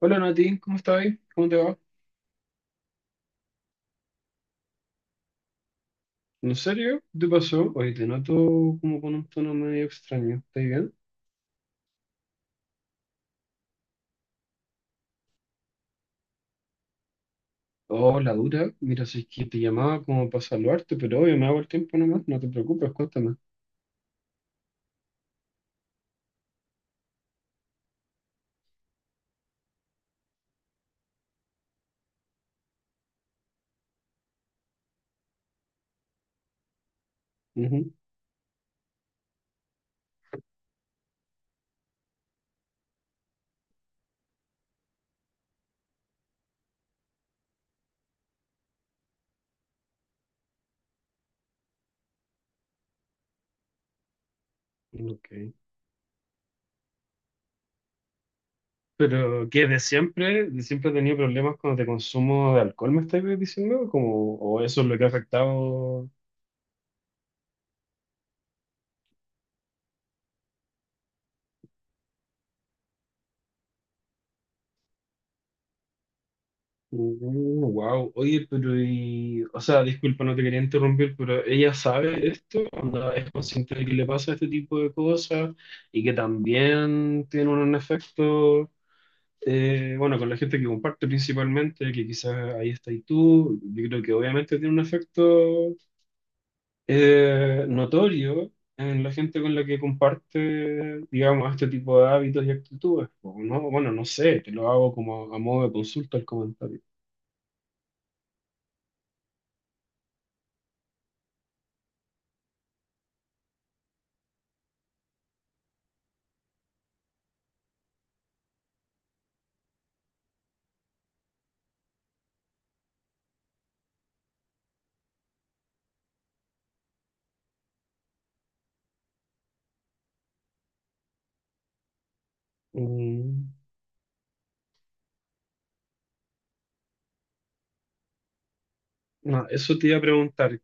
Hola Nati, ¿cómo estás? ¿Cómo te va? ¿En serio? ¿Qué te pasó? Oye, te noto como con un tono medio extraño. ¿Estás bien? Oh, la dura. Mira, si es que te llamaba como para saludarte, pero obvio, me hago el tiempo nomás. No te preocupes, cuéntame. Ujú. Ok. Pero, ¿qué? ¿De siempre? ¿De siempre he tenido problemas cuando te consumo de alcohol, me estás diciendo? Como, ¿o eso es lo que ha afectado? Wow. Oye, pero y, o sea, disculpa, no te quería interrumpir, pero ella sabe esto, ¿onda es consciente de que le pasa este tipo de cosas y que también tiene un efecto, bueno, con la gente que comparte principalmente, que quizás ahí está y tú, yo creo que obviamente tiene un efecto notorio en la gente con la que comparte, digamos, este tipo de hábitos y actitudes, ¿no? Bueno, no sé, te lo hago como a modo de consulta el comentario. Mm. No, eso te iba a preguntar,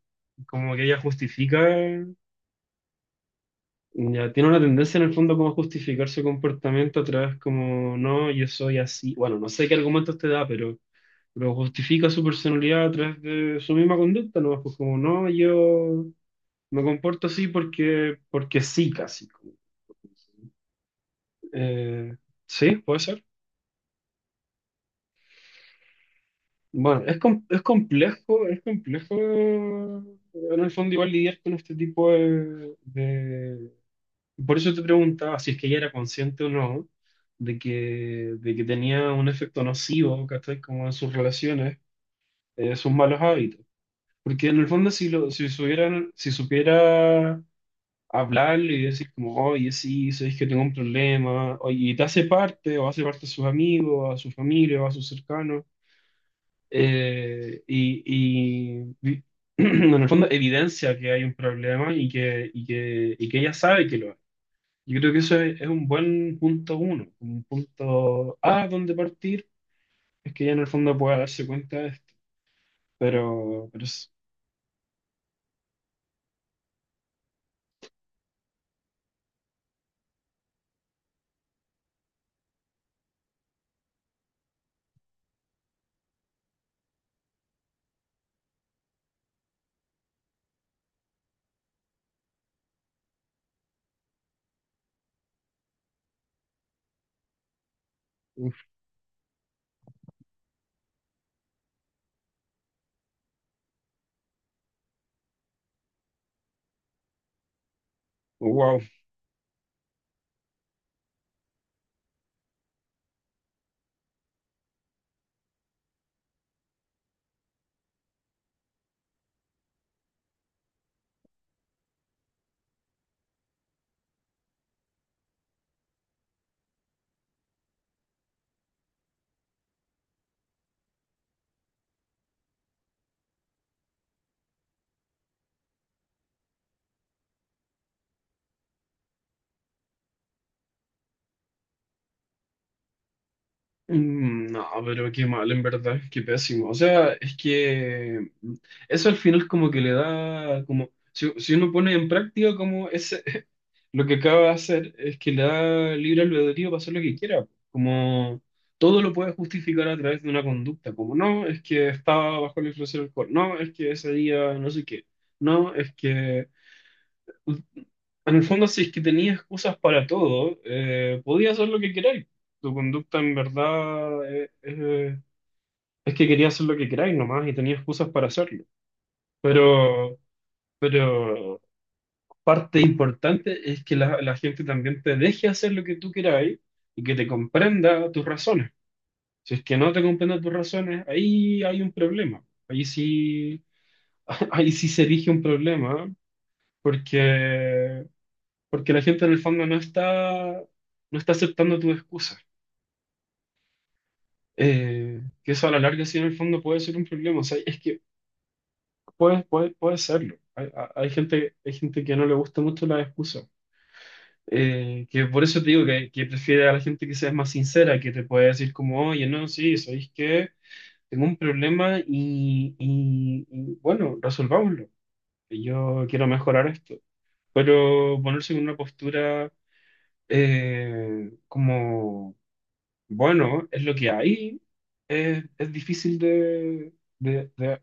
como que ella justifica, ya tiene una tendencia en el fondo como a justificar su comportamiento a través como, no, yo soy así, bueno, no sé qué argumentos te da, pero justifica su personalidad a través de su misma conducta, ¿no? Pues como, no, yo me comporto así porque, porque sí, casi. Eh, sí, puede ser. Bueno, es, es complejo en el fondo igual lidiar con este tipo de, por eso te preguntaba si es que ella era consciente o no de que, de que tenía un efecto nocivo, ¿cachai? Como en sus relaciones, sus malos hábitos. Porque en el fondo, si, lo, si, si supiera hablar y decir como, oye, sí, sabéis que tengo un problema, oye, y te hace parte, o hace parte a sus amigos, a su familia, o a sus cercanos, y en el fondo evidencia que hay un problema y que, y que, y que ella sabe que lo hay. Yo creo que eso es un buen punto uno, un punto A donde partir, es que ya en el fondo pueda darse cuenta de esto, pero es, uf, wow. Mm, no, pero qué mal, en verdad, qué pésimo, o sea, es que eso al final como que le da, como, si, si uno pone en práctica como ese, lo que acaba de hacer es que le da libre albedrío para hacer lo que quiera. Como todo lo puede justificar a través de una conducta. Como no, es que estaba bajo la influencia del alcohol. No, es que ese día no sé qué. No, es que. En el fondo, si es que tenía excusas para todo, podía hacer lo que queráis. Tu conducta en verdad es que quería hacer lo que queráis nomás y tenía excusas para hacerlo. Pero. Pero parte importante es que la gente también te deje hacer lo que tú quieras y que te comprenda tus razones. Si es que no te comprende tus razones, ahí hay un problema. Ahí sí, ahí sí se erige un problema, porque, porque la gente en el fondo no está, no está aceptando tus excusas. Que eso a la larga sí en el fondo puede ser un problema. O sea, es que puede serlo. Hay hay gente que no le gusta mucho las excusas. Que por eso te digo que prefiere a la gente que sea más sincera, que te puede decir como, oye, no, sí, sabéis que tengo un problema y, y, bueno, resolvámoslo. Yo quiero mejorar esto. Pero ponerse en una postura como, bueno, es lo que hay, es difícil de... de, de-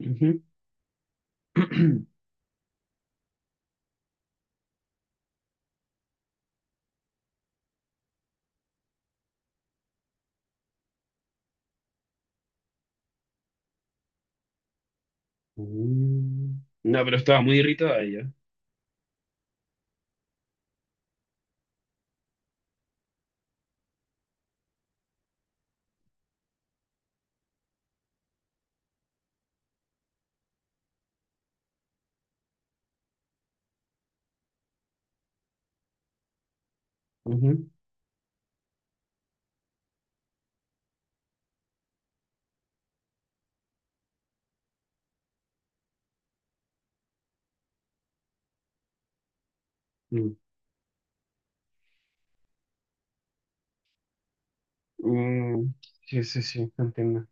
Ujú. Mm. No, pero estaba muy irritada ella. Ujú. Mm. Mm, sí, sí, sí, entiendo.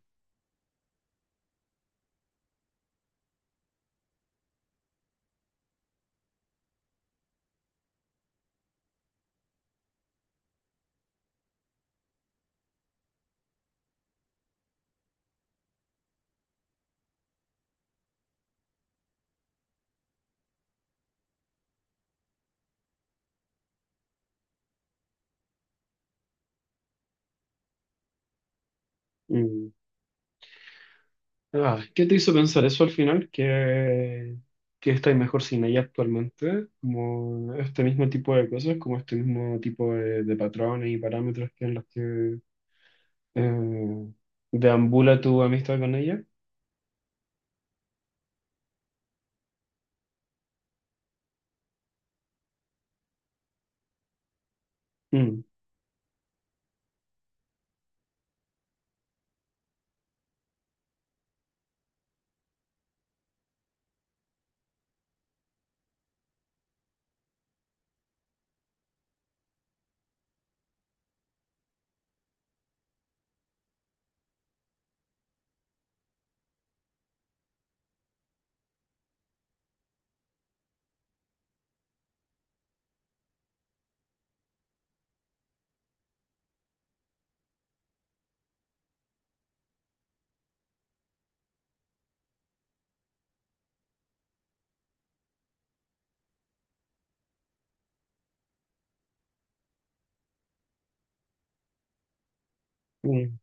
Mm. Ah, ¿qué te hizo pensar eso al final? Que estáis mejor sin ella actualmente, como este mismo tipo de cosas, como este mismo tipo de patrones y parámetros que en los que eh, deambula tu amistad con ella. Mm, mm.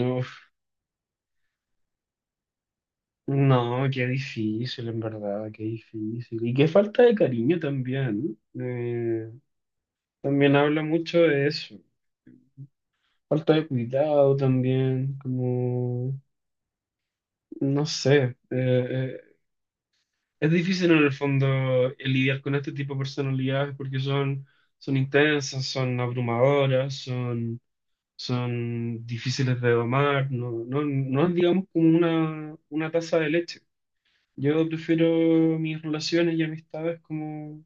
No, uf. No, qué difícil, en verdad, qué difícil. Y qué falta de cariño también, ¿no? También habla mucho de eso. Falta de cuidado también, como... No sé, es difícil en el fondo lidiar con este tipo de personalidades porque son, son intensas, son abrumadoras, son, son difíciles de domar, no, no, no es digamos como una taza de leche. Yo prefiero mis relaciones y amistades como,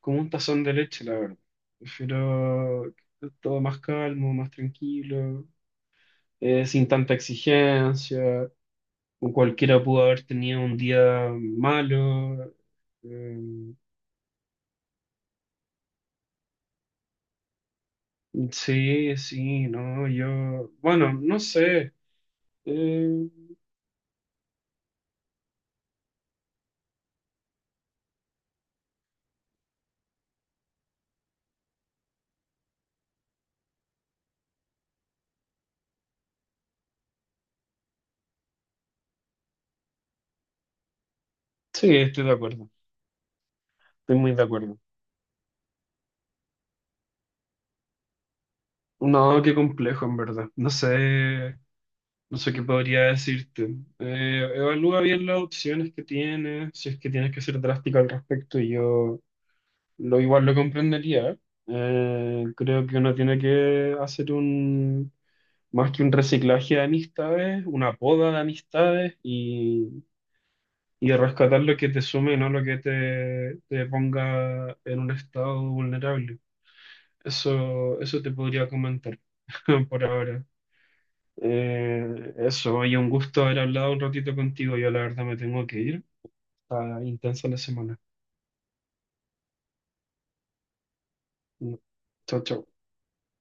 como un tazón de leche, la verdad. Prefiero todo más calmo, más tranquilo, sin tanta exigencia, o cualquiera pudo haber tenido un día malo. eh, sí, sí, no, yo, bueno, no sé. eh, sí, estoy de acuerdo, estoy muy de acuerdo. No, qué complejo, en verdad. No sé, no sé qué podría decirte. Evalúa bien las opciones que tienes, si es que tienes que ser drástico al respecto, y yo lo igual lo comprendería. Creo que uno tiene que hacer un más que un reciclaje de amistades, una poda de amistades y rescatar lo que te sume, no lo que te ponga en un estado vulnerable. Eso te podría comentar por ahora. Eso, y un gusto haber hablado un ratito contigo. Yo la verdad me tengo que ir. Está intensa la semana. No. Chao, chao.